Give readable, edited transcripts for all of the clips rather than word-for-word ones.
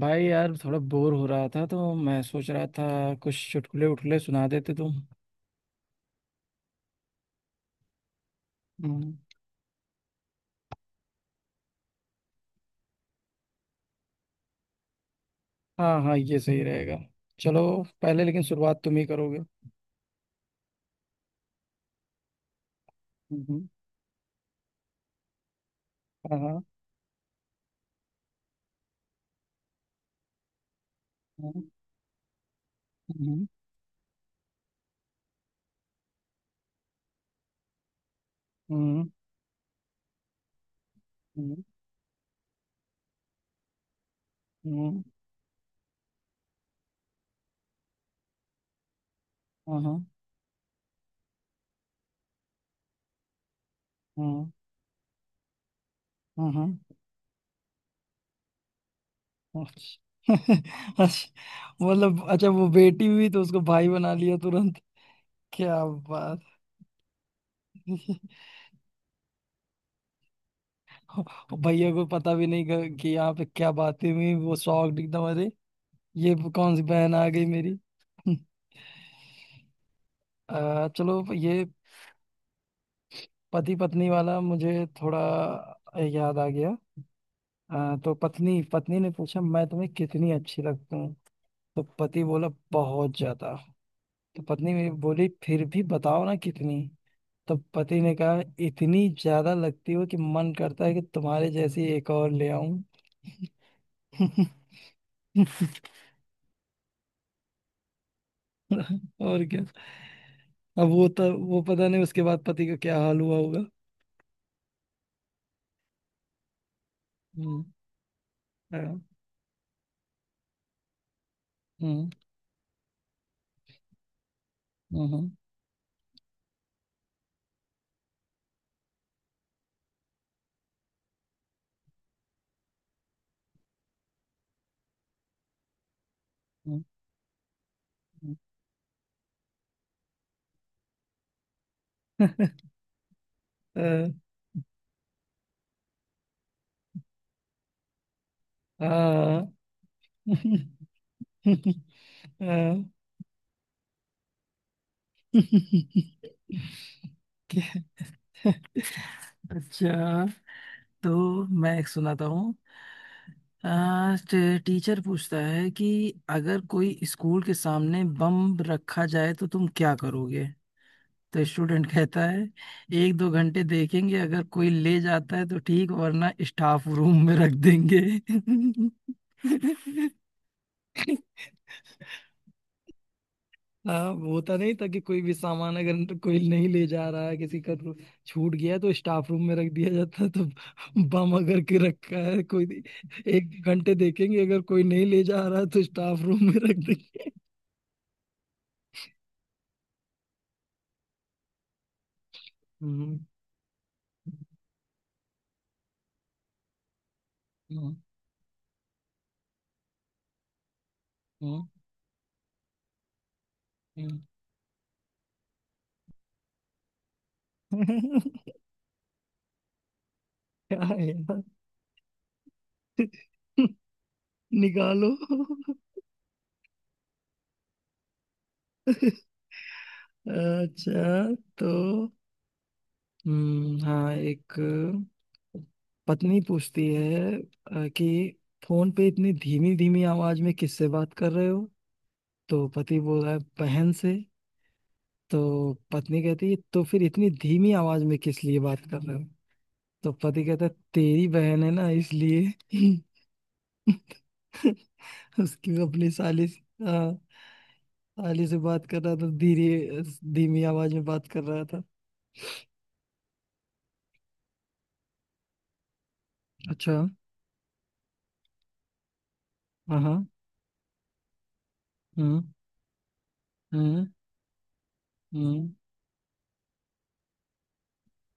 भाई यार, थोड़ा बोर हो रहा था तो मैं सोच रहा था कुछ चुटकुले उठले सुना देते तुम। हम्म। हाँ हाँ, ये सही रहेगा। चलो। पहले लेकिन शुरुआत तुम ही करोगे। हम्म। हाँ हाँ। हम्म। हम्म। हम्म। हम्म। हम्म। हाँ। हाँ। हाँ। हाँ। हाँ, अच्छा। अच्छा, मतलब अच्छा वो बेटी हुई तो उसको भाई बना लिया तुरंत। क्या बात है। भैया को पता भी नहीं कि यहाँ पे क्या बातें हुई, वो शॉक्ड एकदम। अरे ये कौन सी बहन आ गई मेरी। चलो ये पति पत्नी वाला मुझे थोड़ा याद आ गया। तो पत्नी पत्नी ने पूछा मैं तुम्हें कितनी अच्छी लगती हूँ। तो पति बोला बहुत ज्यादा। तो पत्नी भी बोली फिर भी बताओ ना कितनी। तो पति ने कहा इतनी ज्यादा लगती हो कि मन करता है कि तुम्हारे जैसी एक और ले आऊं। और क्या। अब वो तो वो पता नहीं उसके बाद पति का क्या हाल हुआ होगा। हम्म। अ, हम्म। हम्म। हम्म। हम्म। हाँ। हाँ। क्या- अच्छा, तो मैं एक सुनाता हूँ। टीचर पूछता है कि अगर कोई स्कूल के सामने बम रखा जाए तो तुम क्या करोगे। तो स्टूडेंट कहता है एक दो घंटे देखेंगे अगर कोई ले जाता है तो ठीक, वरना स्टाफ रूम में रख देंगे। हाँ, होता नहीं था कि कोई भी सामान अगर कोई नहीं ले जा रहा है किसी का तो छूट गया तो स्टाफ रूम में रख दिया जाता। तो बम अगर के रखा है कोई, एक दो घंटे देखेंगे अगर कोई नहीं ले जा रहा है तो स्टाफ रूम में रख देंगे। हम्म। हम्म। हम्म। हम्म। क्या है यार। निकालो। अच्छा। तो हाँ एक पत्नी पूछती है कि फोन पे इतनी धीमी धीमी आवाज में किससे बात कर रहे हो। तो पति बोल रहा है बहन से। तो पत्नी कहती है तो फिर इतनी धीमी आवाज में किस लिए बात कर रहे हो। तो पति कहता है तेरी बहन है ना, इसलिए। उसकी अपनी साली से- हाँ, साली से बात कर रहा था धीरे, धीमी आवाज में बात कर रहा था। अच्छा। हाँ हाँ। हम्म। हम्म। हम्म।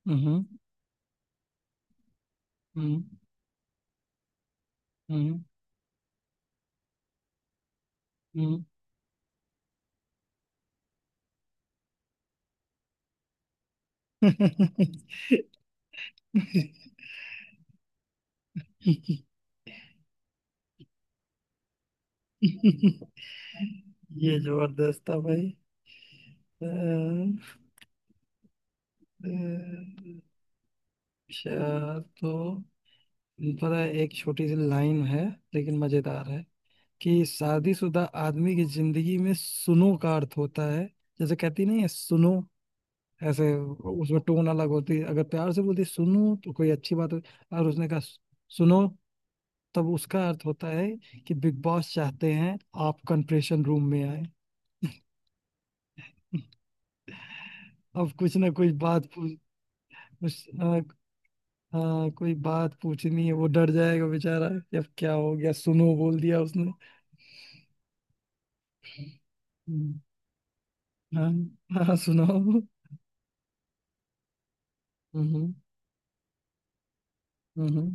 हम्म। हम्म। हम्म। हम्म। ये जबरदस्त था भाई। अम, अम, अच्छा, तो पता है एक छोटी सी लाइन है लेकिन मजेदार है कि शादीशुदा आदमी की जिंदगी में सुनो का अर्थ होता है। जैसे कहती नहीं है सुनो ऐसे, उसमें टोन अलग होती है। अगर प्यार से बोलती है सुनो, तो कोई अच्छी बात होती, और उसने कहा सुनो तब उसका अर्थ होता है कि बिग बॉस चाहते हैं आप कंप्रेशन रूम में अब कुछ ना कुछ बात पूछ। कुछ हाँ। हाँ, कोई बात पूछनी है, वो डर जाएगा बेचारा कि अब क्या हो गया सुनो बोल दिया उसने। हम्म। हाँ हाँ सुनाओ। हम्म।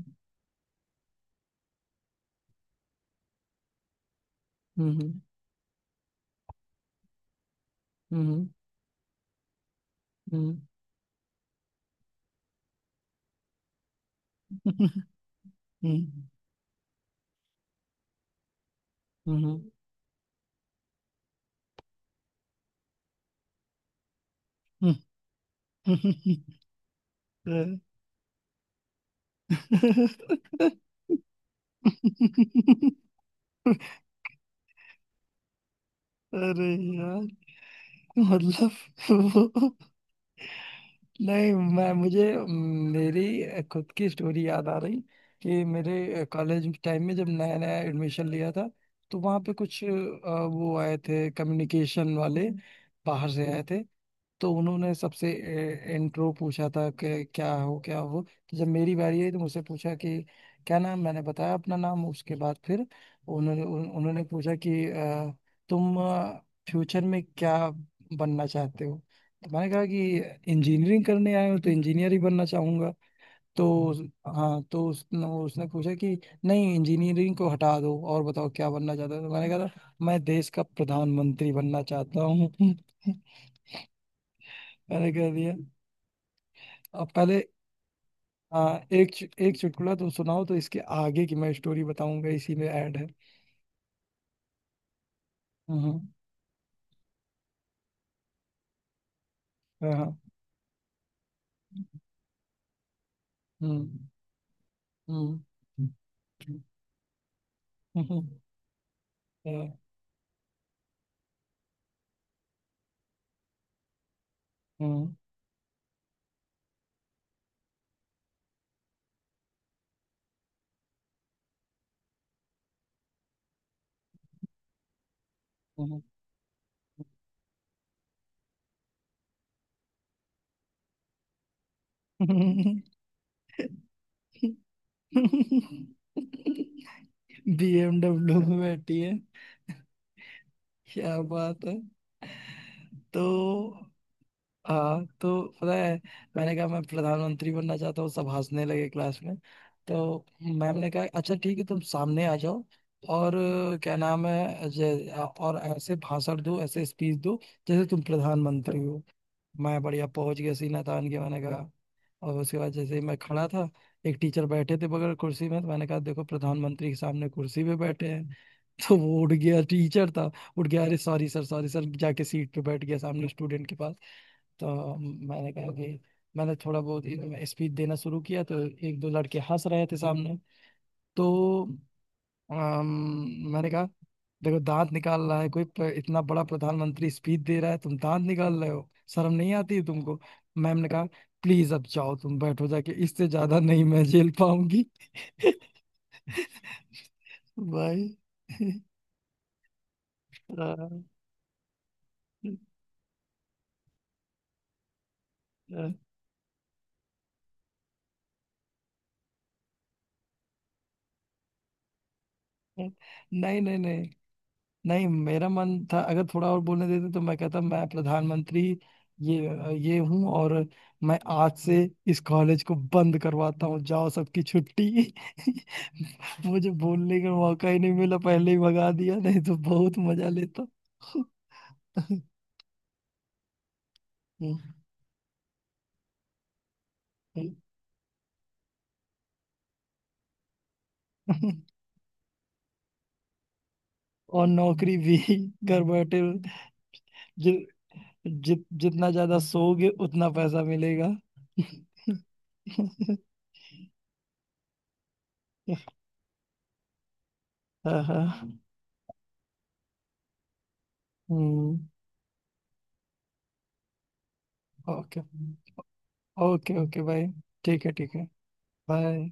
हम्म। हम्म। हम्म। हम्म। हम्म। हम्म। हम्म। अरे यार, मतलब नहीं, मैं मुझे मेरी खुद की स्टोरी याद आ रही कि मेरे कॉलेज टाइम में जब नया नया एडमिशन लिया था। तो वहाँ पे कुछ वो आए थे कम्युनिकेशन वाले, बाहर से आए थे। तो उन्होंने सबसे इंट्रो पूछा था कि क्या हो क्या हो। तो जब मेरी बारी आई तो मुझसे पूछा कि क्या नाम, मैंने बताया अपना नाम। उसके बाद फिर उन्होंने पूछा कि तुम फ्यूचर में क्या बनना चाहते हो। तो मैंने कहा कि इंजीनियरिंग करने आए हो तो इंजीनियर ही बनना चाहूंगा। तो उस- हाँ, तो उसने उसने पूछा कि नहीं, इंजीनियरिंग को हटा दो और बताओ क्या बनना चाहते हो। तो मैंने कहा था मैं देश का प्रधानमंत्री बनना चाहता हूँ। मैंने कह दिया। अब पहले एक चुटकुला तो सुनाओ तो इसके आगे की मैं स्टोरी बताऊंगा, इसी में ऐड है। हम्म। हाँ हाँ। हम्म। हम्म। हम्म। हम्म। हम्म। BMW में बैठी है, क्या बात है। तो हाँ, तो पता है मैंने कहा मैं प्रधानमंत्री बनना चाहता हूँ, सब हंसने लगे क्लास में। तो मैम ने कहा अच्छा ठीक है तुम सामने आ जाओ और क्या नाम है जे- और ऐसे भाषण दो, ऐसे स्पीच दो जैसे तुम प्रधानमंत्री हो। मैं बढ़िया पहुंच गया सीना तान के, मैंने कहा। और उसके बाद जैसे ही मैं खड़ा था, एक टीचर बैठे थे बगल कुर्सी में, तो मैंने कहा देखो प्रधानमंत्री के सामने कुर्सी पे बैठे हैं। तो वो उठ गया, टीचर था। उठ गया, अरे सॉरी सर सॉरी सर, जाके सीट पे बैठ गया सामने स्टूडेंट के पास। तो मैंने कहा कि मैंने थोड़ा बहुत स्पीच देना शुरू किया तो एक दो लड़के हंस रहे थे सामने। तो अम, मैंने कहा देखो दांत निकाल रहा है कोई, इतना बड़ा प्रधानमंत्री स्पीच दे रहा है तुम दांत निकाल रहे हो, शर्म नहीं आती है तुमको। मैम ने कहा प्लीज अब जाओ तुम, बैठो जाके, इससे ज्यादा नहीं मैं झेल पाऊंगी। भाई। अ, अ, अ, नहीं नहीं नहीं। नहीं, मेरा मन था अगर थोड़ा और बोलने देते तो मैं कहता मैं प्रधानमंत्री ये ये हूँ और मैं आज से इस कॉलेज को बंद करवाता हूँ, जाओ सबकी छुट्टी। मुझे बोलने का मौका ही नहीं मिला, पहले ही भगा दिया, नहीं तो बहुत मजा लेता। और नौकरी भी घर बैठे। जि, जि, जितना ज्यादा सोओगे उतना पैसा मिलेगा। हाँ हाँ। हम्म। ओके। ओके ओके भाई। ठीक है ठीक है। बाय।